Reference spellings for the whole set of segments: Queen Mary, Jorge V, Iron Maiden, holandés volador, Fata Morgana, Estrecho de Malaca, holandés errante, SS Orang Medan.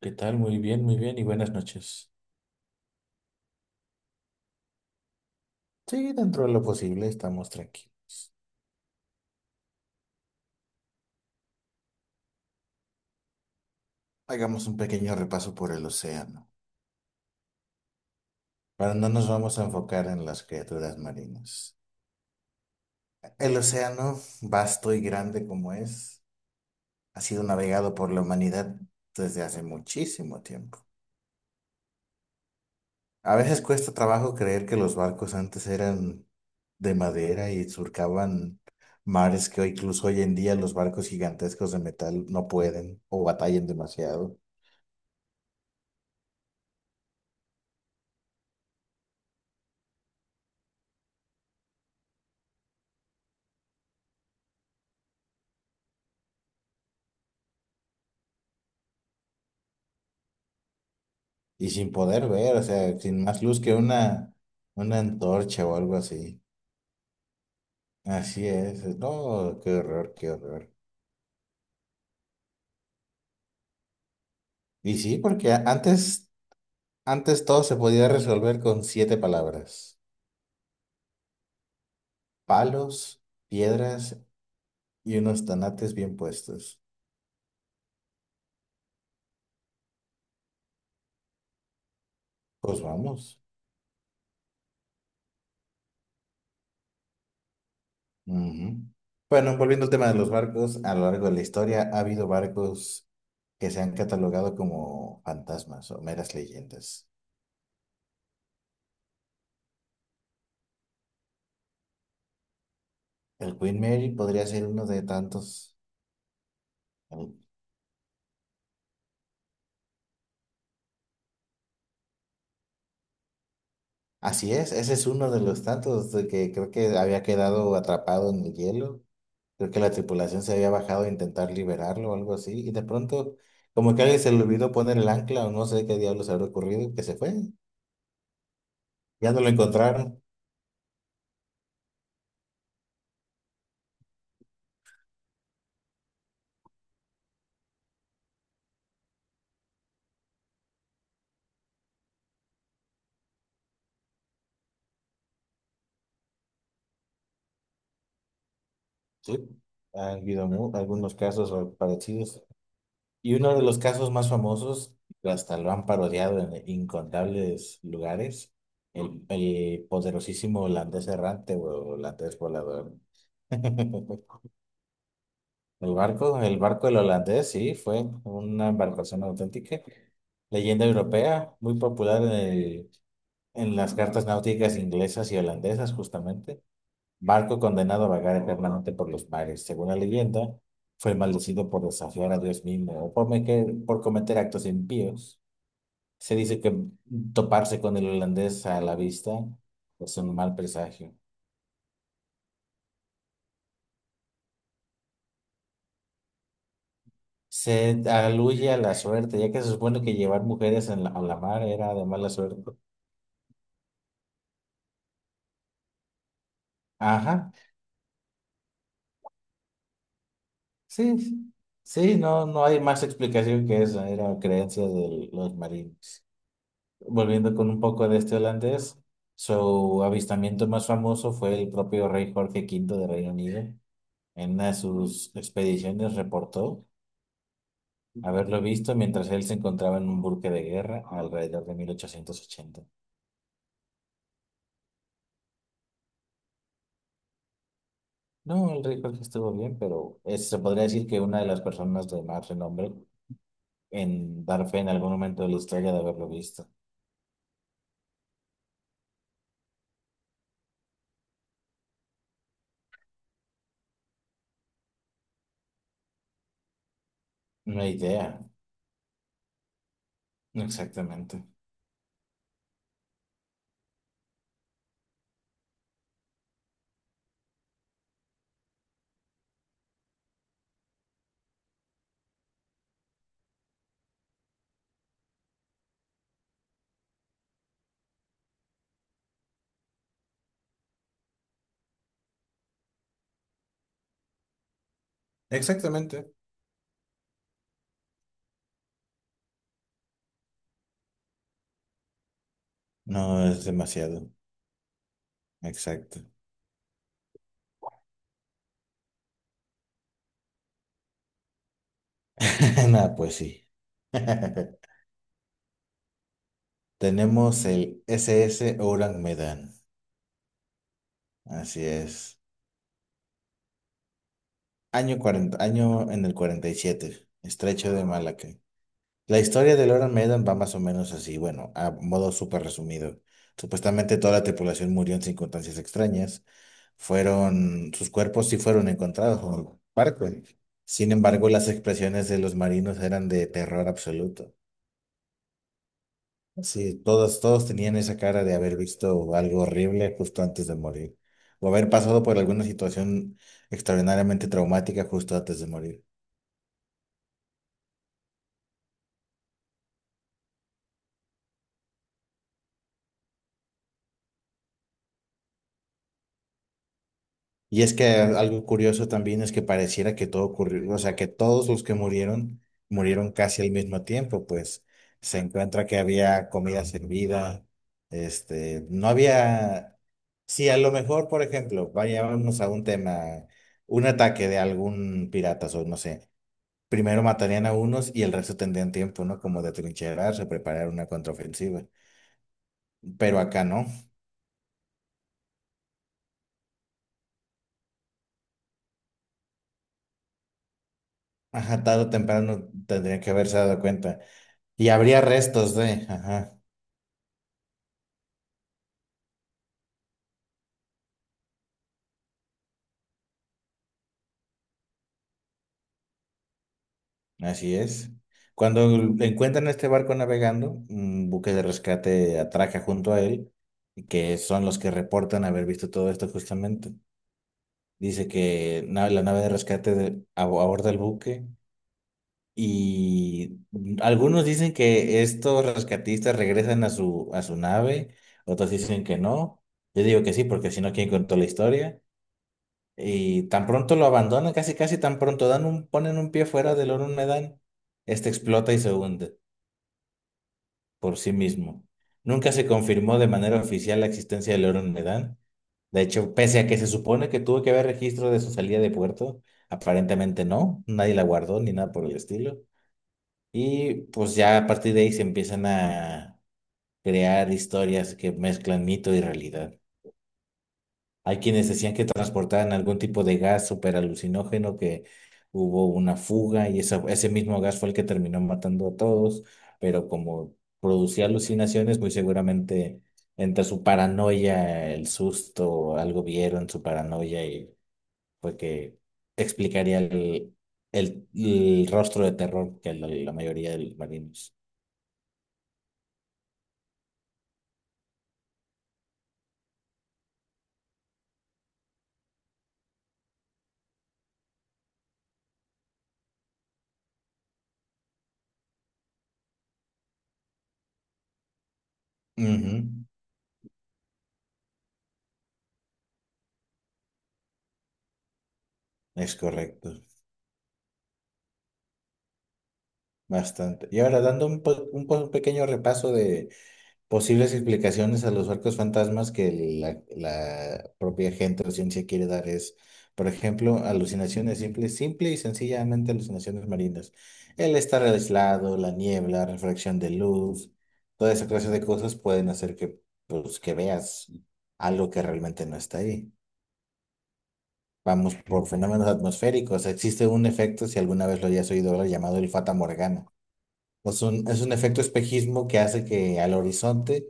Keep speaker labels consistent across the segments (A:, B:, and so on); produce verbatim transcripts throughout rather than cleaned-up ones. A: ¿Qué tal? Muy bien, muy bien y buenas noches. Sí, dentro de lo posible estamos tranquilos. Hagamos un pequeño repaso por el océano, pero no nos vamos a enfocar en las criaturas marinas. El océano, vasto y grande como es, ha sido navegado por la humanidad desde hace muchísimo tiempo. A veces cuesta trabajo creer que los barcos antes eran de madera y surcaban mares que hoy- incluso hoy en día los barcos gigantescos de metal no pueden o batallan demasiado. Y sin poder ver, o sea, sin más luz que una, una antorcha o algo así. Así es. No, qué horror, qué horror. Y sí, porque a- antes, antes todo se podía resolver con siete palabras. Palos, piedras y unos tanates bien puestos. Pues vamos. Ujú. Bueno, volviendo al tema de los barcos, a lo largo de la historia ha habido barcos que se han catalogado como fantasmas o meras leyendas. El Queen Mary podría ser uno de tantos. Así es, ese es uno de los tantos de que creo que había quedado atrapado en el hielo. Creo que la tripulación se había bajado a intentar liberarlo o algo así. Y de pronto, como que alguien se le olvidó poner el ancla o no sé qué diablos habrá ocurrido, que se fue. Ya no lo encontraron. Sí. Ha habido mu- algunos casos parecidos. Y uno de los casos más famosos, hasta lo han parodiado en incontables lugares, el, el poderosísimo holandés errante o holandés volador. El barco, el barco del holandés, sí, fue una embarcación auténtica, leyenda europea, muy popular en el- en las cartas náuticas inglesas y holandesas, justamente. Barco condenado a vagar eternamente por los mares. Según la leyenda, fue maldecido por desafiar a Dios mismo o por, meque- por cometer actos impíos. Se dice que toparse con el holandés a la vista es un mal presagio. Se aluye a la suerte, ya que se supone que llevar mujeres en la- a la mar era de mala suerte. Ajá, sí, sí, sí, no, no hay más explicación que esa, era creencia de los marines. Volviendo con un poco de este holandés, su avistamiento más famoso fue el propio rey Jorge quinto de Reino Unido. En una de sus expediciones reportó haberlo visto mientras él se encontraba en un buque de guerra alrededor de mil ochocientos ochenta. No, el rey Jorge estuvo bien, pero es- se podría decir que una de las personas de más renombre en dar fe en algún momento de la historia de haberlo visto. Una idea. Exactamente. Exactamente. No, es demasiado. Exacto. Nada, pues sí. Tenemos el S S Orang Medan. Así es. Año cuarenta, año en el cuarenta y siete, Estrecho de Malaca. La historia de Iron Maiden va más o menos así, bueno, a modo súper resumido. Supuestamente toda la tripulación murió en circunstancias extrañas. Fueron, sus cuerpos sí fueron encontrados en el barco. Sin embargo, las expresiones de los marinos eran de terror absoluto. Sí, todos, todos tenían esa cara de haber visto algo horrible justo antes de morir, o haber pasado por alguna situación extraordinariamente traumática justo antes de morir. Y es que algo curioso también es que pareciera que todo ocurrió, o sea, que todos los que murieron murieron casi al mismo tiempo, pues se encuentra que había comida servida, este, no había, sí a lo mejor, por ejemplo, vayámonos a un tema, un ataque de algún pirata, o no sé, primero matarían a unos y el resto tendrían tiempo, ¿no? Como de trincherarse, preparar una contraofensiva, pero acá no. Ajá, tarde o temprano tendrían que haberse dado cuenta. Y habría restos de, ajá, así es. Cuando encuentran este barco navegando, un buque de rescate atraca junto a él, y que son los que reportan haber visto todo esto justamente. Dice que na- la nave de rescate de- abo- aborda el buque y algunos dicen que estos rescatistas regresan a su, a su nave, otros dicen que no. Yo digo que sí, porque si no, ¿quién contó la historia? Y tan pronto lo abandonan, casi casi tan pronto dan un, ponen un pie fuera del Oro Medan, este explota y se hunde por sí mismo. Nunca se confirmó de manera oficial la existencia del Oro Medan. De hecho, pese a que se supone que tuvo que haber registro de su salida de puerto, aparentemente no, nadie la guardó ni nada por el estilo. Y pues ya a partir de ahí se empiezan a crear historias que mezclan mito y realidad. Hay quienes decían que transportaban algún tipo de gas super alucinógeno, que hubo una fuga y esa- ese mismo gas fue el que terminó matando a todos, pero como producía alucinaciones, muy seguramente entre su paranoia, el susto, algo vieron su paranoia y fue que explicaría el, el, el rostro de terror que la, la mayoría de los marinos. Ujú. Es correcto, bastante. Y ahora dando un, po- un po- un pequeño repaso de posibles explicaciones a los arcos fantasmas que la, la propia gente o ciencia quiere dar es, por ejemplo, alucinaciones simples, simple y sencillamente alucinaciones marinas. El estar aislado, la niebla, refracción de luz, toda esa clase de cosas pueden hacer que, pues, que veas algo que realmente no está ahí. Vamos por fenómenos atmosféricos. Existe un efecto, si alguna vez lo hayas oído hablar, llamado el Fata Morgana. Es un, es un efecto espejismo que hace que al horizonte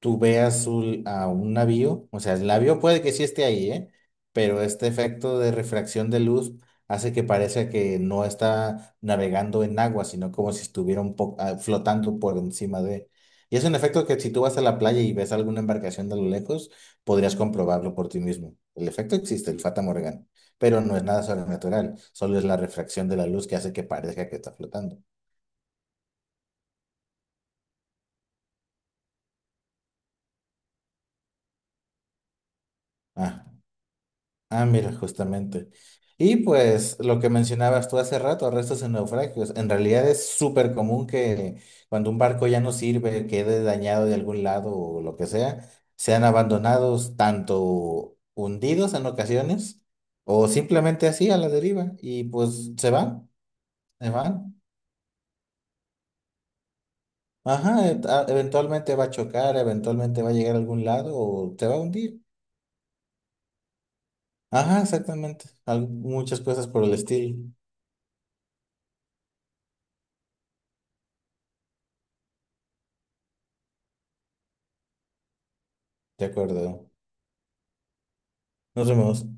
A: tú veas un- a un navío, o sea, el navío puede que sí esté ahí, ¿eh? Pero este efecto de refracción de luz hace que parezca que no está navegando en agua, sino como si estuviera un po- ah, flotando por encima de... Y es un efecto que si tú vas a la playa y ves alguna embarcación de lo lejos, podrías comprobarlo por ti mismo. El efecto existe, el Fata Morgana, pero no es nada sobrenatural, solo es la refracción de la luz que hace que parezca que está flotando. Ah. Ah, mira, justamente. Y pues lo que mencionabas tú hace rato, restos en naufragios, en realidad es súper común que cuando un barco ya no sirve, quede dañado de algún lado o lo que sea, sean abandonados, tanto hundidos en ocasiones o simplemente así a la deriva y pues se van, se van. Ajá, e- a- eventualmente va a chocar, eventualmente va a llegar a algún lado o se va a hundir. Ajá, exactamente. Al- muchas cosas por el estilo. De acuerdo. Nos vemos.